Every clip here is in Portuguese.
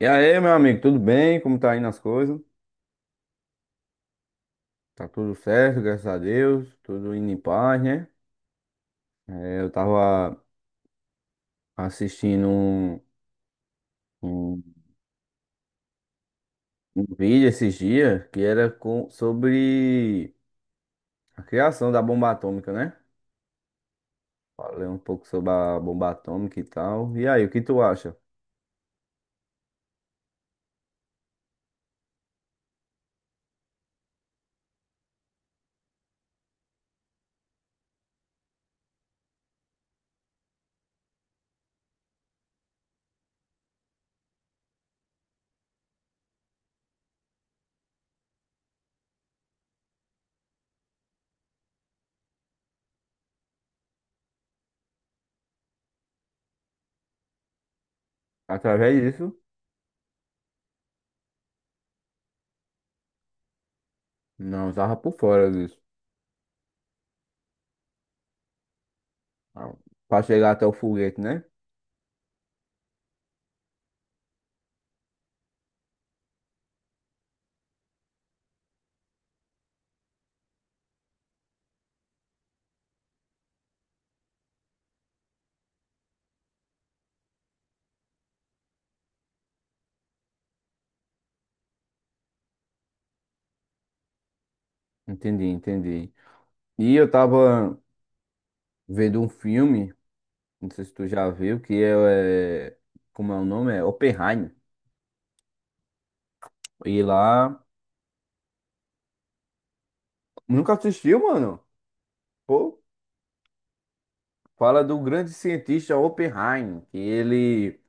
E aí, meu amigo, tudo bem? Como tá indo as coisas? Tá tudo certo, graças a Deus, tudo indo em paz, né? É, eu tava assistindo um, um vídeo esses dias que era sobre a criação da bomba atômica, né? Falei um pouco sobre a bomba atômica e tal. E aí, o que tu acha? Através disso? Não, eu tava por fora disso. Ah, pra chegar até o foguete, né? Entendi, entendi. E eu tava vendo um filme. Não sei se tu já viu, como é o nome? É Oppenheimer. E lá. Nunca assistiu, mano? Pô, fala do grande cientista Oppenheimer, que ele.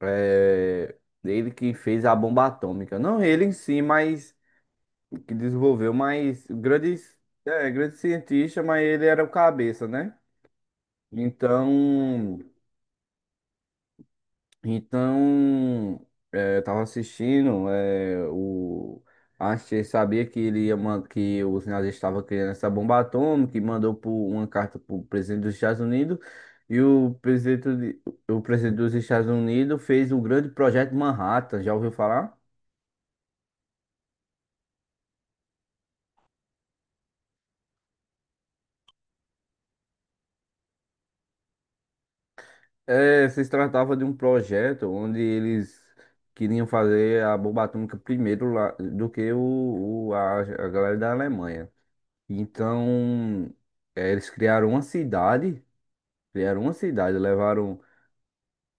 É... Ele que fez a bomba atômica. Não ele em si, mas. Que desenvolveu, mas. Grande. É, grande cientista, mas ele era o cabeça, né? Então. Então, eu tava assistindo, o Einstein sabia que ele que os nazistas estavam criando essa bomba atômica e mandou por uma carta para o presidente dos Estados Unidos e o presidente dos Estados Unidos fez o grande projeto Manhattan, já ouviu falar? É, se tratava de um projeto onde eles queriam fazer a bomba atômica primeiro lá do que a galera da Alemanha. Então, eles criaram uma cidade, levaram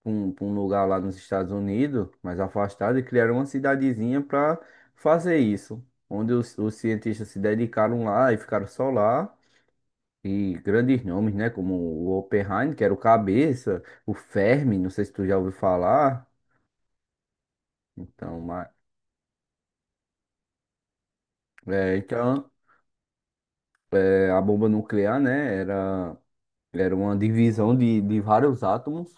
pra um lugar lá nos Estados Unidos, mais afastado, e criaram uma cidadezinha para fazer isso, onde os cientistas se dedicaram lá e ficaram só lá. E grandes nomes, né? Como o Oppenheimer, que era o cabeça, o Fermi, não sei se tu já ouviu falar. Então, mas, é, então, a bomba nuclear, né? Era uma divisão de vários átomos.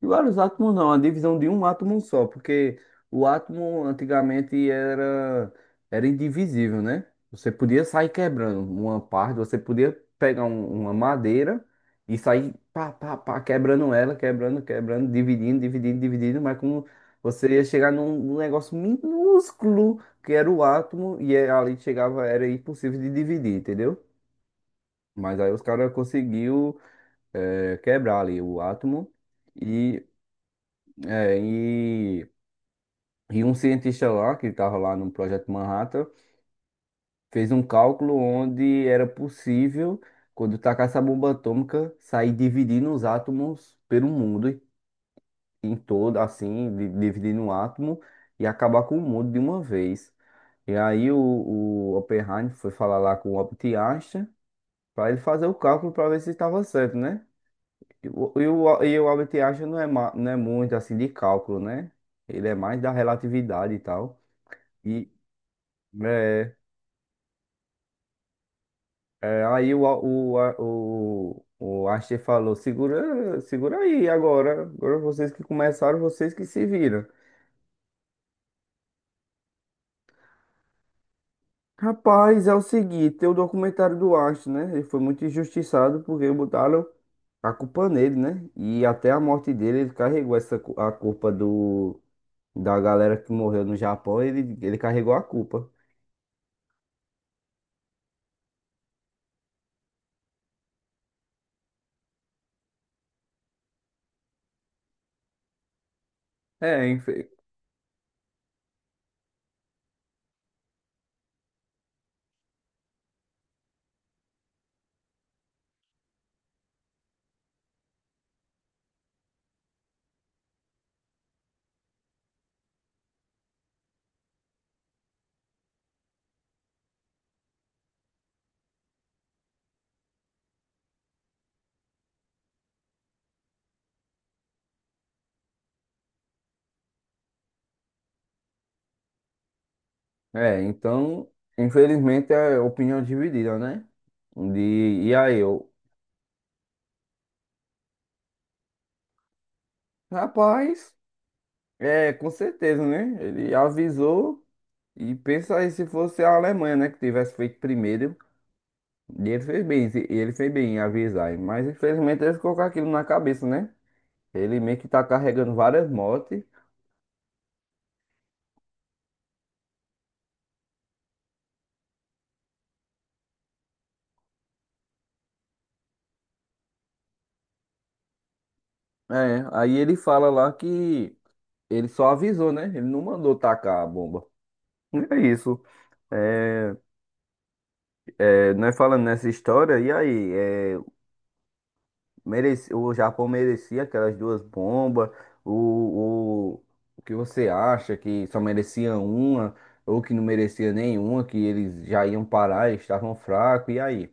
E vários átomos não, a divisão de um átomo só, porque o átomo antigamente era indivisível, né? Você podia sair quebrando uma parte, você podia pegar uma madeira e sair pá, pá, pá, quebrando ela, quebrando, quebrando, dividindo, dividindo, dividindo, mas como você ia chegar num negócio minúsculo que era o átomo ali chegava, era impossível de dividir, entendeu? Mas aí os caras conseguiu quebrar ali o átomo. E é, e, e um cientista lá, que estava lá no Projeto Manhattan, fez um cálculo onde era possível, quando tacasse a bomba atômica, sair dividindo os átomos pelo mundo em todo, assim, dividindo um átomo e acabar com o mundo de uma vez. E aí o Oppenheimer foi falar lá com o Albert Einstein para ele fazer o cálculo para ver se estava certo, né? E o Albert Einstein não é muito assim de cálculo, né? Ele é mais da relatividade e tal. E, É, Aí o Archie falou, segura, segura aí agora. Agora vocês que começaram, vocês que se viram. Rapaz, é o seguinte, tem o documentário do Archie, né? Ele foi muito injustiçado porque botaram a culpa nele, né? E até a morte dele, ele carregou a culpa da galera que morreu no Japão, ele carregou a culpa. É, é, então, infelizmente é opinião dividida, né? De, e aí, Rapaz, é, com certeza, né? Ele avisou e pensa aí se fosse a Alemanha, né, que tivesse feito primeiro. E ele fez bem, e ele fez bem em avisar. Mas infelizmente eles colocaram aquilo na cabeça, né? Ele meio que tá carregando várias mortes. É, aí ele fala lá que ele só avisou, né? Ele não mandou tacar a bomba. E é isso. É, é, nós falando nessa história, e aí? É, Mereci, o Japão merecia aquelas duas bombas. O, o, o que você acha que só merecia uma ou que não merecia nenhuma, que eles já iam parar, eles estavam fracos, e aí?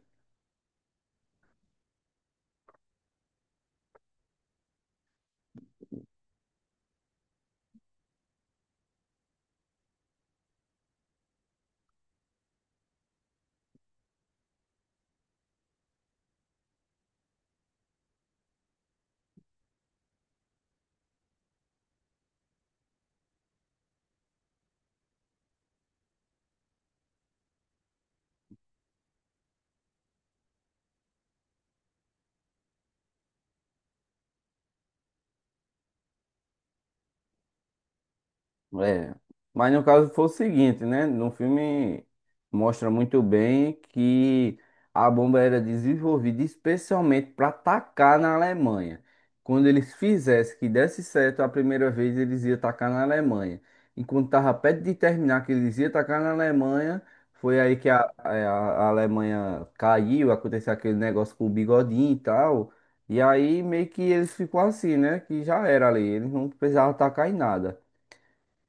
É, mas no caso foi o seguinte, né? No filme mostra muito bem que a bomba era desenvolvida especialmente para atacar na Alemanha. Quando eles fizessem que desse certo a primeira vez, eles iam atacar na Alemanha. Enquanto estava perto de terminar que eles iam atacar na Alemanha, foi aí que a Alemanha caiu, aconteceu aquele negócio com o Bigodinho e tal. E aí meio que eles ficou assim, né? Que já era ali, eles não precisavam atacar em nada.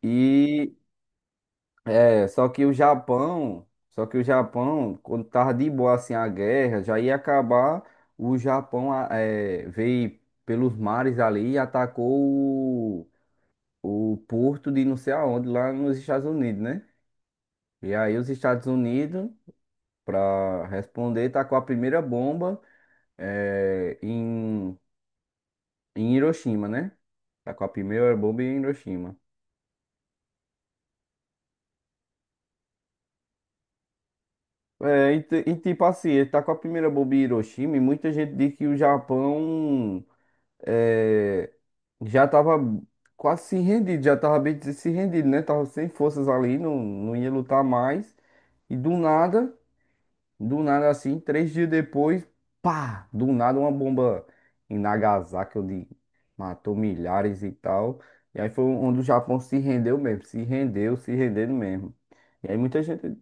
E só que o Japão, quando tava de boa assim a guerra, já ia acabar, o Japão veio pelos mares ali e atacou o porto de não sei aonde, lá nos Estados Unidos, né? E aí os Estados Unidos, para responder, tacou a primeira bomba é, em, em Hiroshima, né? Tacou a primeira bomba em Hiroshima. É, e tipo assim, ele tá com a primeira bomba em Hiroshima e muita gente diz que o Japão é, já tava quase se rendido, já tava bem se rendido, né? Tava sem forças ali, não, não ia lutar mais. E do nada assim, 3 dias depois, pá, do nada uma bomba em Nagasaki, onde matou milhares e tal. E aí foi onde o Japão se rendeu mesmo, se rendeu, se rendendo mesmo. E aí muita gente.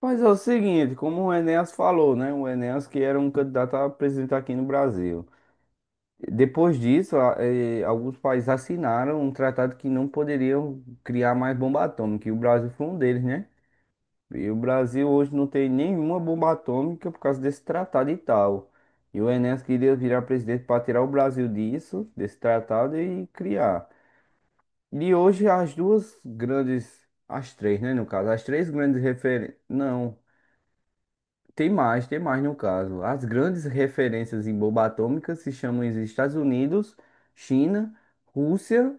Mas é o seguinte, como o Enéas falou, né? O Enéas que era um candidato a presidente aqui no Brasil. Depois disso, alguns países assinaram um tratado que não poderiam criar mais bomba atômica, e o Brasil foi um deles, né? E o Brasil hoje não tem nenhuma bomba atômica por causa desse tratado e tal. E o Enéas queria virar presidente para tirar o Brasil disso, desse tratado e criar. E hoje as duas grandes, as três, né, no caso, as três grandes referências, não. Tem mais no caso. As grandes referências em bomba atômica se chamam os Estados Unidos, China, Rússia,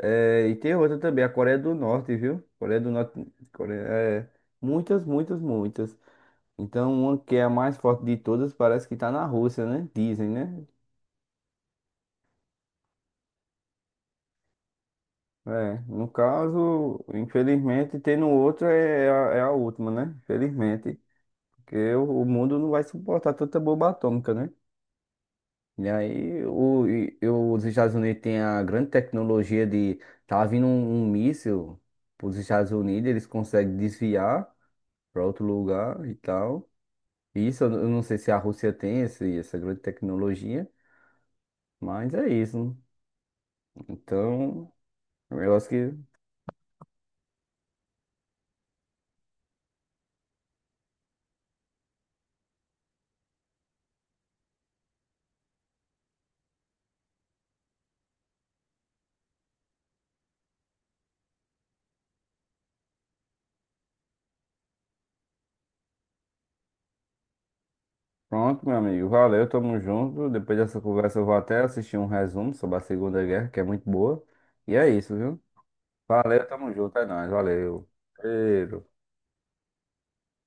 e tem outra também, a Coreia do Norte, viu? Coreia do Norte, Coreia, é, muitas, muitas, muitas. Então, uma que é a mais forte de todas parece que está na Rússia, né? Dizem, né? É, no caso, infelizmente, tendo outra é a última, né? Infelizmente, porque o mundo não vai suportar tanta bomba atômica, né? E aí, os Estados Unidos têm a grande tecnologia de. Tá vindo um míssil para os Estados Unidos, eles conseguem desviar para outro lugar e tal. Isso eu não sei se a Rússia tem essa grande tecnologia, mas é isso. Então, eu acho que. Pronto, meu amigo. Valeu, tamo junto. Depois dessa conversa, eu vou até assistir um resumo sobre a Segunda Guerra, que é muito boa. E é isso, viu? Valeu, tamo junto, é nóis, valeu. Cheiro.